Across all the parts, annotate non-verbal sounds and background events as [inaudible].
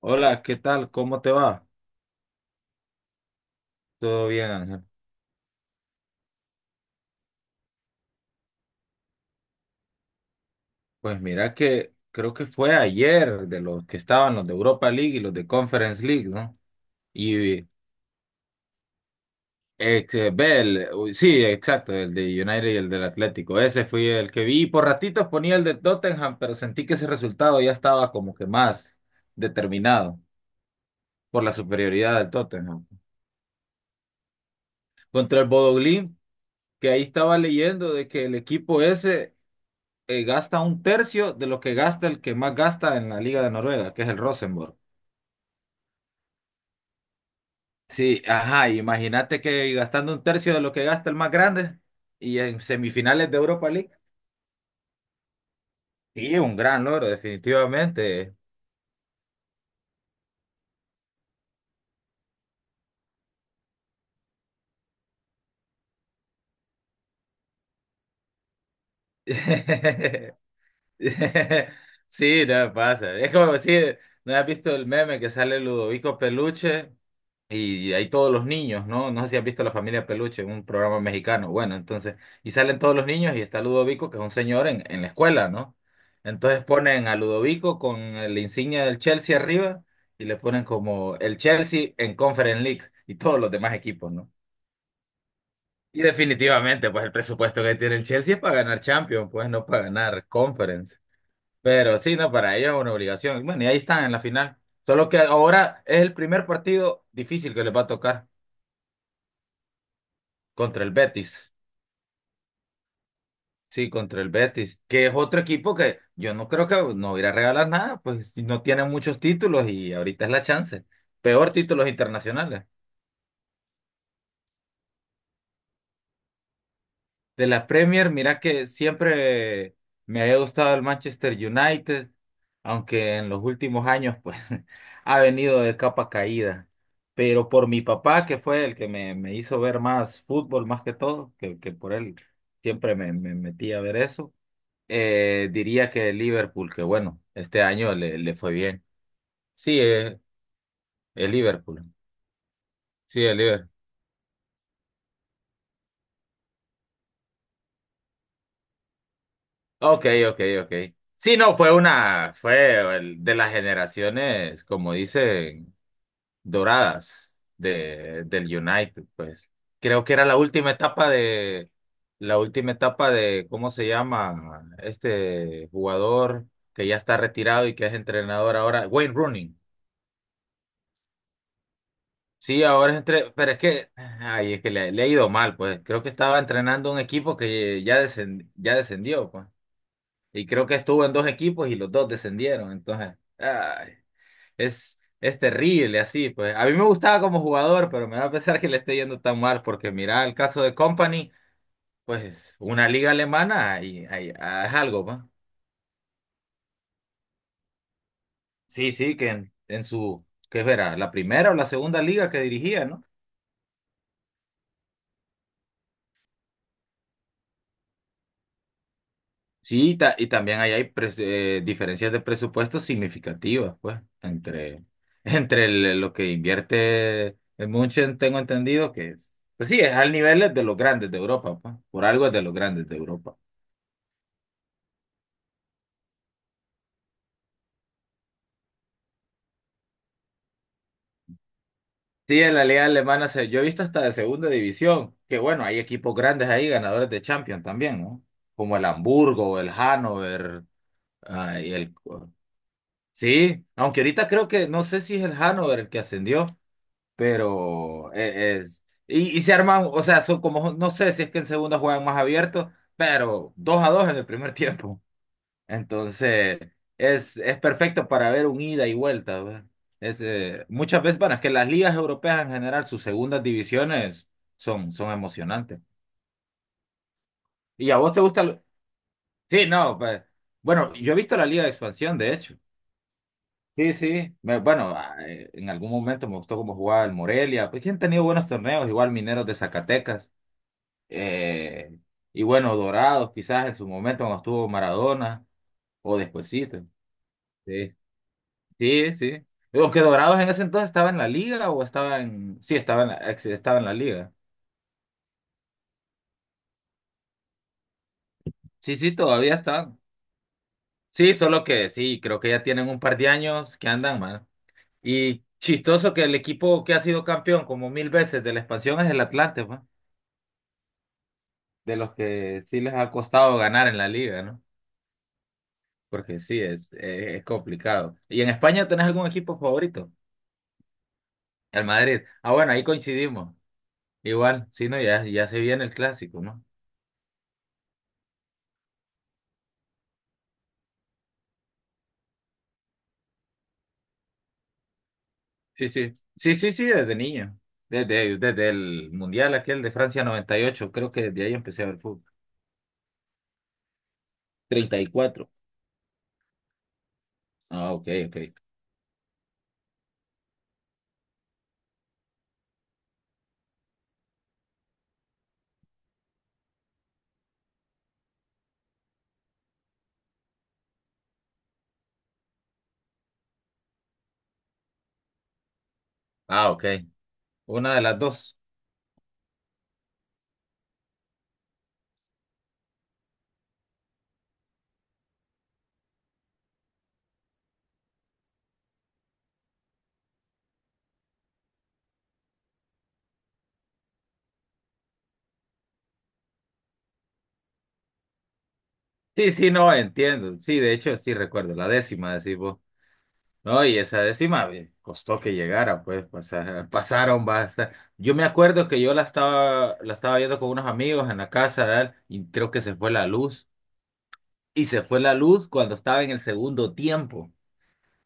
Hola, ¿qué tal? ¿Cómo te va? ¿Todo bien, Ángel? Pues mira que creo que fue ayer de los que estaban los de Europa League y los de Conference League, ¿no? Y ex, ve el- uy, sí, exacto, el de United y el del Atlético. Ese fue el que vi. Y por ratitos ponía el de Tottenham, pero sentí que ese resultado ya estaba como que más determinado por la superioridad del Tottenham. Contra el Bodoglín, que ahí estaba leyendo de que el equipo ese gasta un tercio de lo que gasta el que más gasta en la Liga de Noruega, que es el Rosenborg. Sí, ajá, imagínate que gastando un tercio de lo que gasta el más grande y en semifinales de Europa League. Sí, un gran logro, definitivamente. [laughs] Sí, no pasa. Es como si no has visto el meme que sale Ludovico Peluche. Y hay todos los niños, ¿no? No sé si has visto La Familia Peluche, un programa mexicano. Bueno, entonces, y salen todos los niños y está Ludovico, que es un señor en la escuela, ¿no? Entonces ponen a Ludovico con la insignia del Chelsea arriba y le ponen como el Chelsea en Conference Leagues y todos los demás equipos, ¿no? Y definitivamente, pues el presupuesto que tiene el Chelsea es para ganar Champions, pues no para ganar Conference. Pero sí, no, para ellos es una obligación. Bueno, y ahí están en la final. Solo que ahora es el primer partido difícil que les va a tocar. Contra el Betis. Sí, contra el Betis, que es otro equipo que yo no creo que no irá a regalar nada, pues si no tiene muchos títulos y ahorita es la chance. Peor títulos internacionales. De la Premier, mira que siempre me había gustado el Manchester United, aunque en los últimos años pues [laughs] ha venido de capa caída. Pero por mi papá, que fue el que me hizo ver más fútbol más que todo, que por él siempre me metí a ver eso. Diría que el Liverpool, que bueno, este año le fue bien. Sí, el Liverpool. Sí, el Liverpool. Ok, ok, ok. Sí, no, fue de las generaciones, como dicen, doradas del United, pues. Creo que era la última etapa de, ¿cómo se llama? Este jugador que ya está retirado y que es entrenador ahora, Wayne Rooney. Sí, ahora pero es que, ay, es que le ha ido mal, pues. Creo que estaba entrenando un equipo que ya descendió, pues. Y creo que estuvo en dos equipos y los dos descendieron. Entonces, ay, es terrible así, pues. A mí me gustaba como jugador, pero me da a pesar que le esté yendo tan mal, porque mira el caso de Company, pues una liga alemana y, ay, ah, es algo, pues. Sí, sí, que en su, ¿qué era? ¿La primera o la segunda liga que dirigía, ¿no? Sí, y también ahí hay diferencias de presupuesto significativas, pues, entre, [laughs] lo que invierte el München tengo entendido que es, pues sí, es al nivel de los grandes de Europa, pues, por algo es de los grandes de Europa. Sí, en la liga alemana se, yo he visto hasta de segunda división, que bueno, hay equipos grandes ahí, ganadores de Champions también, ¿no? Como el Hamburgo, el Hannover, y el... Sí, aunque ahorita creo que, no sé si es el Hannover el que ascendió. Pero e- es, y se arman, o sea, son como, no sé si es que en segundo juegan más abiertos, pero 2-2 en el primer [laughs] tiempo. Entonces, es perfecto para ver un ida y vuelta, ¿verdad? Muchas veces, bueno, es que las ligas europeas en general, sus segundas divisiones son, son emocionantes. ¿Y a vos te gusta? Sí, no, pues, bueno, yo he visto la liga de expansión, de hecho. Sí, sí, en algún momento me gustó cómo jugaba el Morelia, pues que han tenido buenos torneos, igual Mineros de Zacatecas. eh, y bueno, Dorados quizás en su momento cuando estuvo Maradona o despuesito. Sí, sí, sí. Digo que Dorados en ese entonces estaba en la liga o estaba en... Sí, estaba en estaba en la liga. Sí, sí, todavía están. Sí, solo que sí, creo que ya tienen un par de años que andan mal. Y chistoso que el equipo que ha sido campeón como mil veces de la expansión es el Atlante, man, de los que sí les ha costado ganar en la liga, ¿no? Porque sí, es complicado. ¿Y en España tenés algún equipo favorito? El Madrid. Ah, bueno, ahí coincidimos. Igual, sí, no, ya, ya se viene el clásico, ¿no? Sí, sí. Sí, sí, sí, desde niño. Desde el Mundial aquel de Francia 98 creo que desde ahí empecé a ver fútbol. 34. Ah, ok, ok. Ah, ok. Una de las dos. Sí, sí, no, entiendo. Sí, de hecho, sí recuerdo. La décima, decís vos. No, y esa décima costó que llegara, pues pasar, [laughs] pasaron basta. Yo me acuerdo que yo la estaba viendo con unos amigos en la casa de él y creo que se fue la luz. Y se fue la luz cuando estaba en el segundo tiempo.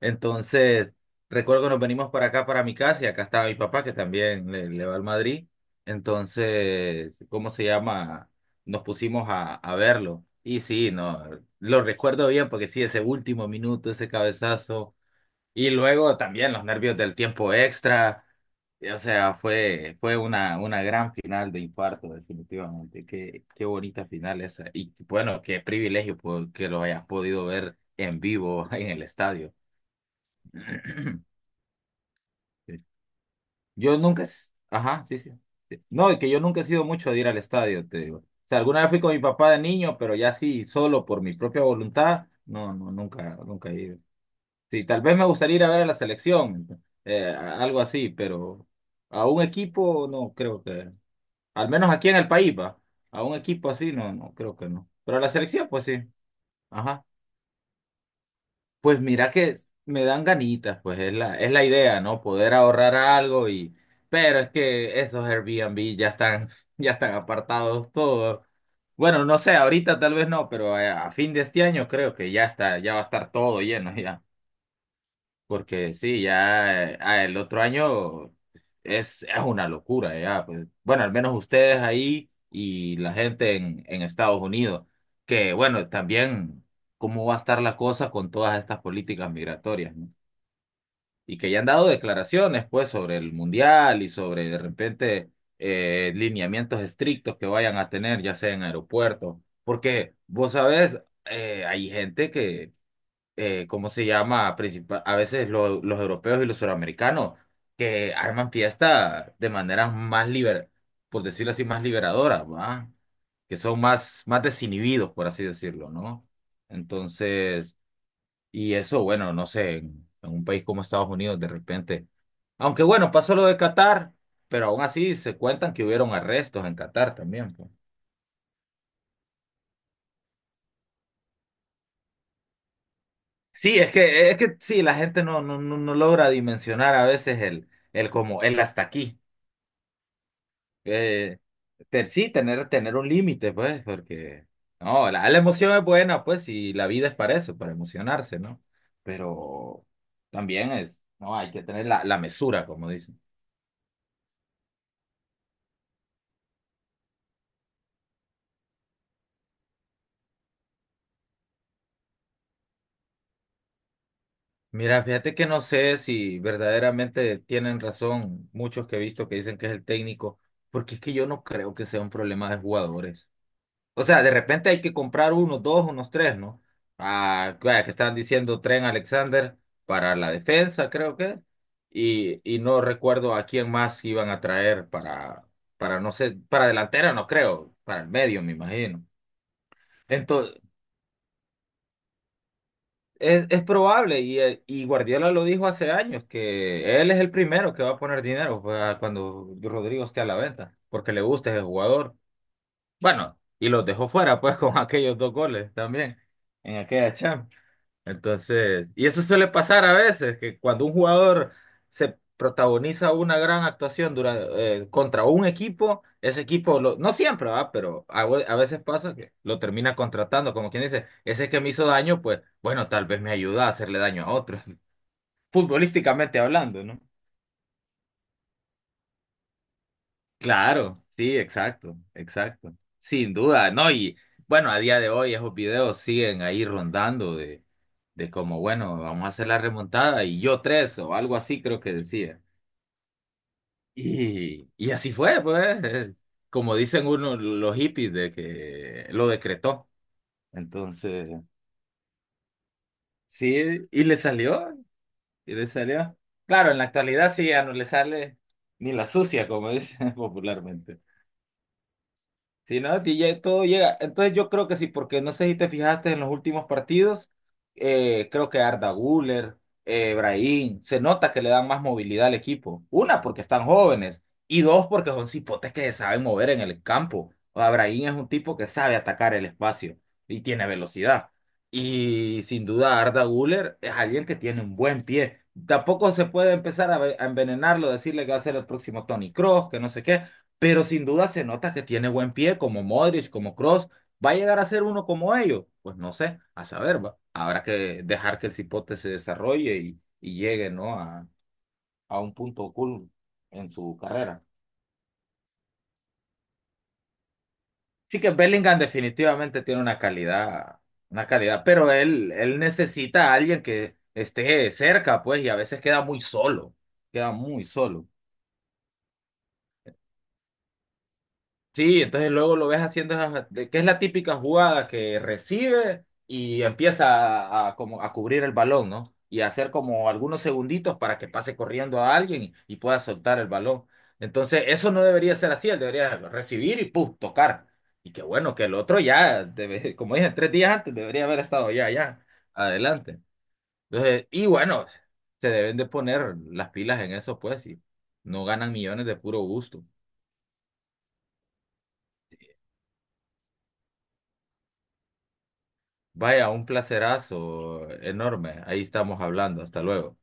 Entonces, recuerdo que nos venimos para acá, para mi casa, y acá estaba mi papá, que también le va al Madrid. Entonces, ¿cómo se llama? Nos pusimos a verlo. Y sí, no, lo recuerdo bien porque sí, ese último minuto, ese cabezazo. Y luego también los nervios del tiempo extra. Y, o sea, fue una gran final de infarto, definitivamente. Qué, qué bonita final esa. Y bueno, qué privilegio que lo hayas podido ver en vivo [laughs] en el estadio. [clears throat] Sí. Yo nunca. Ajá, sí, sí. Sí. No, y que yo nunca he sido mucho de ir al estadio, te digo. O sea, alguna vez fui con mi papá de niño, pero ya sí, solo por mi propia voluntad. No, no, nunca he ido. Sí, tal vez me gustaría ir a ver a la selección, algo así, pero a un equipo no creo que, al menos aquí en el país, va, a un equipo así no, no creo que no. Pero a la selección, pues sí. Ajá. Pues mira que me dan ganitas, pues es la idea, ¿no? Poder ahorrar algo y, pero es que esos Airbnb [laughs] ya están apartados todos. Bueno, no sé, ahorita tal vez no, pero a fin de este año creo que ya está, ya va a estar todo lleno ya. Porque sí, ya el otro año es una locura, ya, pues. Bueno, al menos ustedes ahí y la gente en Estados Unidos, que bueno, también cómo va a estar la cosa con todas estas políticas migratorias, ¿no? Y que ya han dado declaraciones, pues, sobre el mundial y sobre de repente lineamientos estrictos que vayan a tener, ya sea en aeropuertos, porque vos sabés, hay gente que ¿cómo se llama? Principal, a veces los europeos y los suramericanos que arman fiesta de maneras más por decirlo así, más liberadoras, ¿va? Que son más, más desinhibidos, por así decirlo, ¿no? Entonces, y eso, bueno, no sé, en un país como Estados Unidos, de repente, aunque bueno, pasó lo de Qatar, pero aún así se cuentan que hubieron arrestos en Qatar también, pues. Sí, es que sí, la gente no, no logra dimensionar a veces el como el hasta aquí. Eh, sí, tener un límite, pues, porque no, la emoción es buena, pues, y la vida es para eso, para emocionarse, ¿no? Pero también es, no, hay que tener la mesura, como dicen. Mira, fíjate que no sé si verdaderamente tienen razón muchos que he visto que dicen que es el técnico, porque es que yo no creo que sea un problema de jugadores. O sea, de repente hay que comprar unos dos, unos tres, ¿no? Ah, vaya, que están diciendo Tren Alexander para la defensa, creo que. Y no recuerdo a quién más iban a traer para, no sé, para delantera, no creo, para el medio, me imagino. Entonces, es probable, y Guardiola lo dijo hace años, que él es el primero que va a poner dinero, pues, cuando Rodrigo esté a la venta, porque le gusta ese jugador. Bueno, y los dejó fuera, pues, [laughs] con aquellos dos goles también, en aquella Champions. Entonces, y eso suele pasar a veces, que cuando un jugador se protagoniza una gran actuación durante, contra un equipo, ese equipo, no siempre, ¿va? Pero a, a veces pasa que lo termina contratando, como quien dice, ese que me hizo daño, pues bueno, tal vez me ayuda a hacerle daño a otros, [laughs] futbolísticamente hablando, ¿no? Claro, sí, exacto, exacto. Sin duda, ¿no? Y bueno, a día de hoy esos videos siguen ahí rondando de como, bueno, vamos a hacer la remontada y yo tres o algo así creo que decía. Y así fue, pues, como dicen uno, los hippies de que lo decretó. Entonces, sí, y le salió, y le salió. Claro, en la actualidad sí ya no le sale ni la sucia, como dicen [laughs] popularmente. Sí, no, y ya todo llega. Entonces yo creo que sí, porque no sé si te fijaste en los últimos partidos, creo que Arda Güler, Brahim, se nota que le dan más movilidad al equipo. Una, porque están jóvenes, y dos, porque son cipotes que se saben mover en el campo. O sea, Brahim es un tipo que sabe atacar el espacio y tiene velocidad. Y sin duda Arda Güler es alguien que tiene un buen pie. Tampoco se puede empezar a, a envenenarlo, decirle que va a ser el próximo Tony Cross, que no sé qué, pero sin duda se nota que tiene buen pie, como Modric, como Cross. ¿Va a llegar a ser uno como ellos? Pues no sé, a saber, va. Habrá que dejar que el cipote se desarrolle y llegue, ¿no? A a un punto cool en su carrera. Sí que Bellingham definitivamente tiene una calidad, pero él necesita a alguien que esté cerca, pues, y a veces queda muy solo, queda muy solo. Sí, entonces luego lo ves haciendo esas- de- que es la típica jugada que recibe y empieza a como a cubrir el balón, ¿no? Y a hacer como algunos segunditos para que pase corriendo a alguien y pueda soltar el balón. Entonces, eso no debería ser así, él debería recibir y ¡pum! Tocar. Y qué bueno que el otro ya, como dije, 3 días antes debería haber estado adelante. Entonces, y bueno, se deben de poner las pilas en eso, pues, y no ganan millones de puro gusto. Vaya, un placerazo enorme. Ahí estamos hablando. Hasta luego.